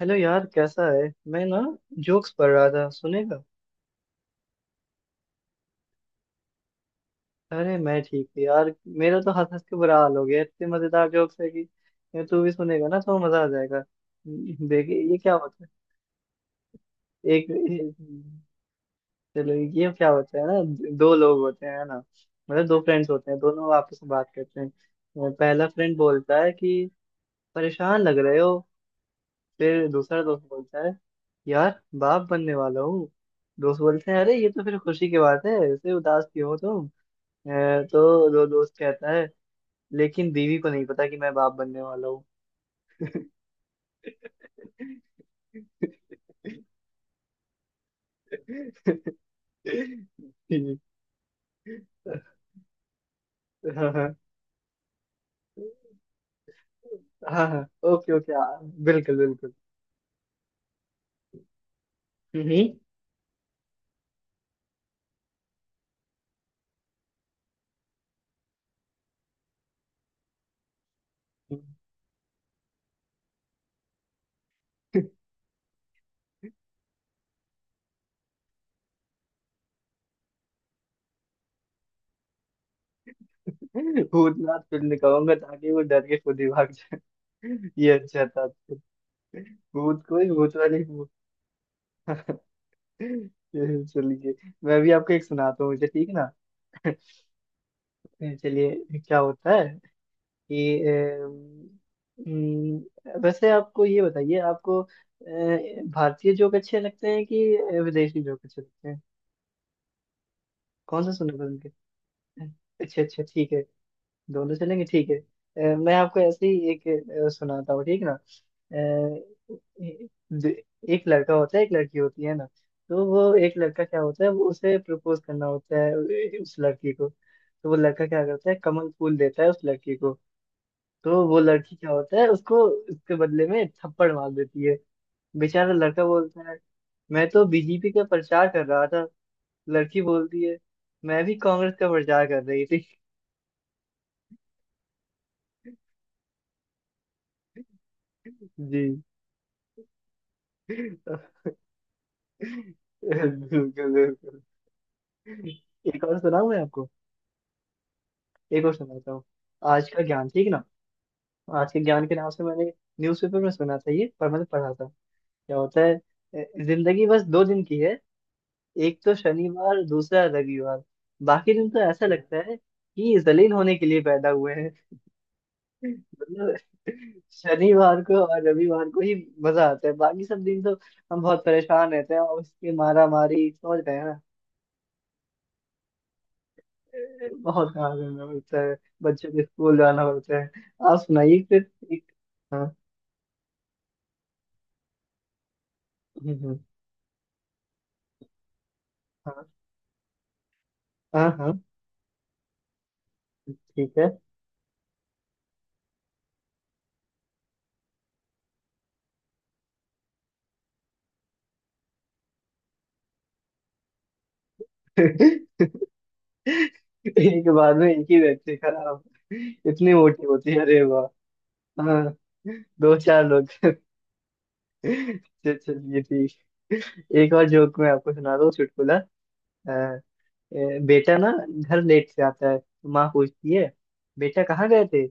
Hello यार, कैसा है। मैं ना जोक्स पढ़ रहा था, सुनेगा? अरे, मैं ठीक हूँ यार। मेरा तो हंस हंस के बुरा हाल हो गया, इतने मजेदार जोक्स है कि ये तू भी सुनेगा ना तो मजा आ जाएगा। देखिए ये क्या होता है। एक, चलो ये क्या होता है ना। दो लोग होते हैं ना, मतलब दो फ्रेंड्स होते हैं, दोनों आपस में बात करते हैं। पहला फ्रेंड बोलता है कि परेशान लग रहे हो? फिर दूसरा दोस्त बोलता है, यार बाप बनने वाला हूँ। दोस्त बोलते हैं, अरे ये तो फिर खुशी की बात है, ऐसे उदास क्यों हो तुम? अ, तो दो दोस्त कहता है, लेकिन बीवी को नहीं पता कि मैं बाप बनने वाला हूँ। हाँ हाँ। हाँ हाँ। ओके ओके, हाँ, बिल्कुल बिल्कुल। हम्म। भूतनाथ फिल्म कहूंगा ताकि वो डर के खुद ही भाग जाए। ये अच्छा था। भूत कोई भूत वाली भूत। चलिए, मैं भी आपको एक सुनाता हूँ मुझे, ठीक ना? चलिए क्या होता है कि अम, अम, वैसे आपको ये बताइए, आपको भारतीय जोक अच्छे लगते हैं कि विदेशी जोक अच्छे लगते हैं? कौन सा सुनना पसंद करते हैं? अच्छा अच्छा ठीक है। दोनों चलेंगे ठीक है। मैं आपको ऐसे ही एक सुनाता हूँ, ठीक ना? दे- एक लड़का होता है, एक लड़की होती है ना। तो वो एक लड़का क्या होता है, वो उसे प्रपोज करना होता है उस लड़की को। तो वो लड़का क्या करता है, कमल फूल देता है उस लड़की को। तो वो लड़की क्या होता है, उसको उसके बदले में थप्पड़ मार देती है। बेचारा लड़का बोलता है, मैं तो बीजेपी का प्रचार कर रहा था। लड़की बोलती है, मैं भी कांग्रेस का प्रचार कर रही थी। जी। बिल्कुल बिल्कुल। एक और सुनाऊं मैं आपको? एक और सुनाता हूँ। आज का ज्ञान, ठीक ना? आज के ज्ञान के नाम से मैंने न्यूज़पेपर में सुना था ये, पर मैंने पढ़ा था। क्या होता है? जिंदगी बस 2 दिन की है, एक तो शनिवार, दूसरा रविवार। बाकी दिन तो ऐसा लगता है कि जलील होने के लिए पैदा हुए हैं। मतलब, शनिवार को और रविवार को ही मजा आता है, बाकी सब दिन तो हम बहुत परेशान रहते हैं और उसकी मारा मारी, समझ रहे हैं ना? बहुत काम करना पड़ता है। बच्चों के स्कूल जाना पड़ता है। आप सुनाइए फिर एक। हाँ। हम्म, हम्म। हाँ हाँ। हाँ ठीक है। एक बार में एक ही व्यक्ति खराब। इतनी मोटी होती है, अरे वाह। हाँ। दो चार लोग। चलिए ठीक, एक और जोक मैं आपको सुना दूं, चुटकुला। अ, बेटा ना घर लेट से आता है, तो माँ पूछती है, बेटा कहाँ गए थे?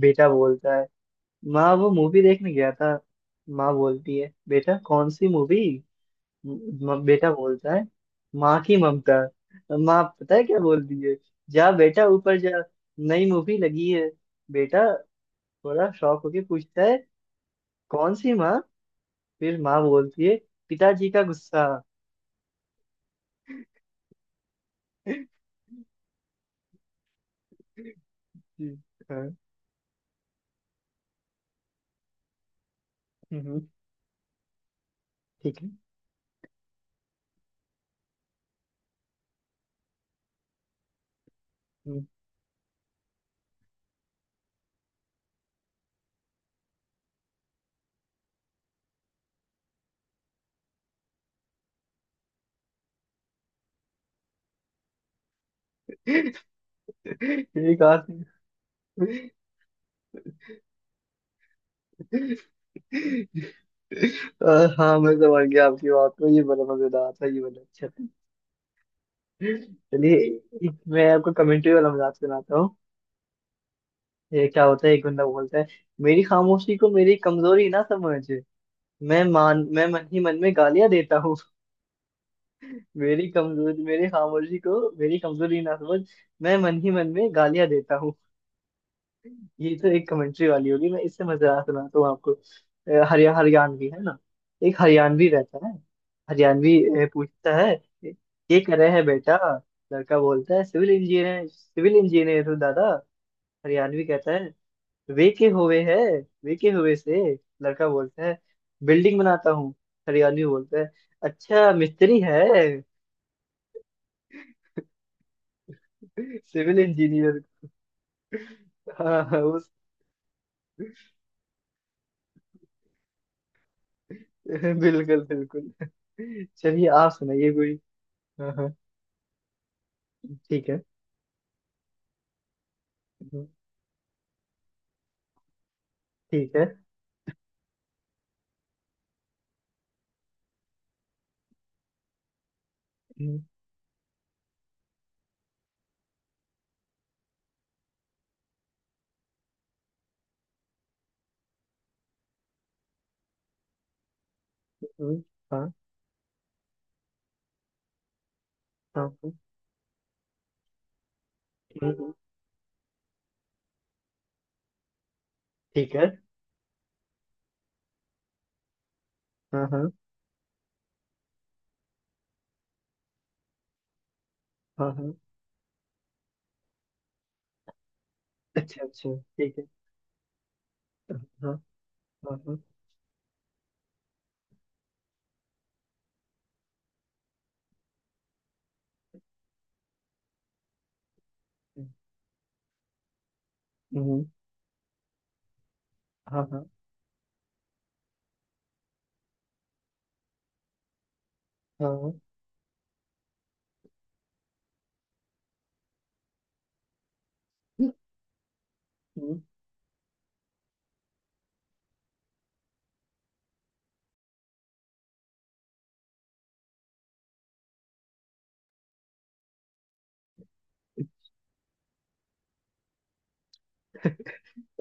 बेटा बोलता है, माँ वो मूवी देखने गया था। माँ बोलती है, बेटा कौन सी मूवी? बेटा बोलता है, माँ की ममता। माँ पता है क्या बोलती है? जा बेटा ऊपर जा, नई मूवी लगी है। बेटा थोड़ा शॉक होके पूछता है, कौन सी माँ? फिर माँ बोलती है, पिताजी का गुस्सा। हाँ। हम्म। ठीक है। हम्म। एक और। अ, हाँ, मैं समझ गया आपकी बात को, ये बड़ा मजेदार था, ये बड़ा अच्छा था। चलिए, मैं आपको कमेंट्री वाला मजाक सुनाता हूँ। ये क्या होता है, एक बंदा बोलता है, मेरी खामोशी को मेरी कमजोरी ना समझ, मैं मन ही मन में गालियां देता हूँ। मेरी खामोशी को मेरी कमजोरी ना समझ, मैं मन ही मन में गालियां देता हूँ। ये तो एक कमेंट्री वाली होगी, मैं इससे मजेदार सुनाता हूँ आपको। हरियाणवी है ना, एक हरियाणवी रहता है। हरियाणवी पूछता है, ये कर रहे हैं बेटा? लड़का बोलता है, सिविल इंजीनियर हूँ दादा। हरियाणवी कहता है, वे के हुए है, वे के हुए से? लड़का बोलता है, बिल्डिंग बनाता हूँ। हरियाणवी बोलता है, अच्छा मिस्त्री है। Civil engineer. हाँ हाँ, उस। बिल्कुल बिल्कुल। चलिए आप सुनाइए कोई। हाँ हाँ, ठीक है ठीक है। हाँ हाँ हाँ, हम्म, हम्म, ठीक है। हाँ हाँ हाँ हाँ। अच्छा अच्छा ठीक है। हाँ हाँ हाँ। हम्म, हाँ हाँ हाँ हाँ। हम्म।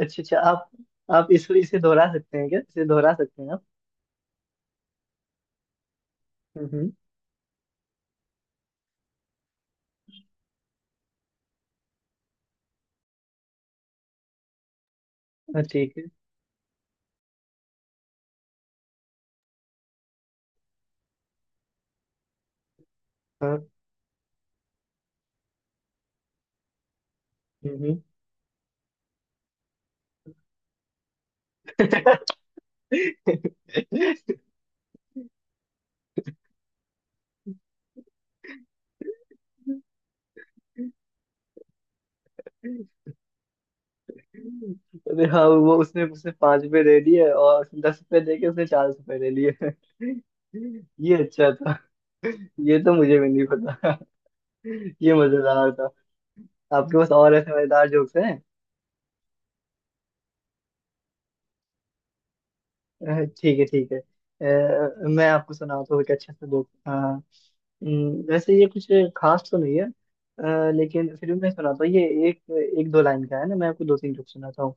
अच्छा अच्छा, आप इसको इसे दोहरा सकते हैं क्या, इसे दोहरा सकते हैं आप? हम्म। हाँ ठीक है। हाँ। हम्म। अरे हाँ, वो उसने उसने 5 रुपए दे दिए और 10 रुपए दे के उसने 4 रुपए ले लिए। ये अच्छा था। ये तो मुझे भी नहीं पता। ये मजेदार था। आपके पास और ऐसे मजेदार जोक्स हैं? ठीक है ठीक है, मैं आपको सुनाता हूँ एक अच्छे से जोक। हाँ। वैसे ये कुछ खास तो नहीं है, लेकिन फिर भी मैं सुनाता हूँ ये। एक एक दो लाइन का है ना, मैं आपको दो तीन जोक सुनाता हूँ।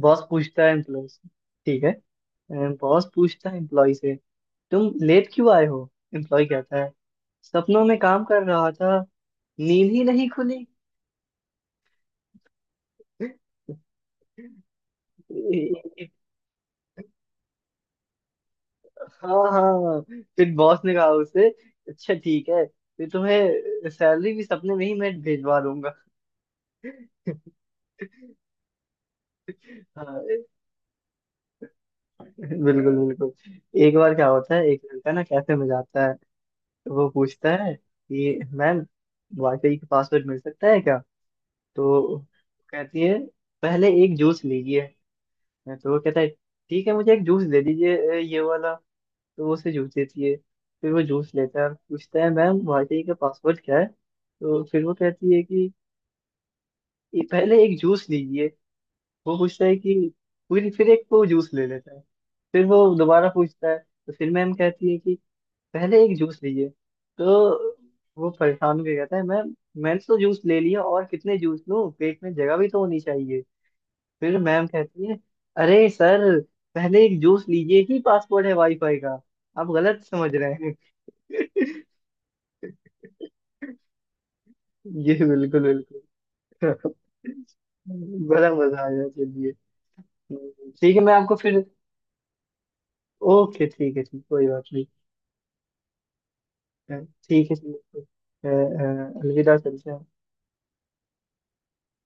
बॉस पूछता है एम्प्लॉय से, ठीक है। बॉस पूछता है एम्प्लॉय से, तुम लेट क्यों आए हो? एम्प्लॉय कहता है, सपनों में काम कर रहा था, नींद ही नहीं खुली। हाँ हाँ। फिर बॉस ने कहा उसे, अच्छा ठीक है, फिर तुम्हें सैलरी भी सपने में ही मैं भेजवा दूंगा। हाँ बिल्कुल बिल्कुल। एक बार क्या होता है, एक लड़का ना कैफे में जाता है। तो वो पूछता है कि मैम, वाईफाई का पासवर्ड मिल सकता है क्या? तो कहती है, पहले एक जूस लीजिए। तो वो कहता है, ठीक है, मुझे एक जूस दे दीजिए, ये वाला। तो वो उसे जूस देती है। फिर वो जूस लेता है और पूछता है, मैम वाईटी का पासवर्ड क्या है? तो फिर वो कहती है कि "ये पहले एक जूस लीजिए।" वो पूछता है कि फिर एक वो जूस ले लेता है। फिर वो दोबारा पूछता है तो फिर मैम कहती है कि पहले एक जूस लीजिए। तो वो परेशान होकर कहता है, मैम, मैंने तो जूस ले लिया, और कितने जूस लूं, पेट में जगह भी तो होनी चाहिए। फिर मैम कहती है, अरे सर, "पहले एक जूस लीजिए" ही पासवर्ड है वाईफाई का, आप गलत समझ रहे हैं। ये बिल्कुल बिल्कुल। बड़ा मजा आया, चलिए। ठीक है, मैं आपको फिर। ओके ठीक है ठीक, कोई बात नहीं। अ, ठीक है चलिए, अलविदा चलते हैं।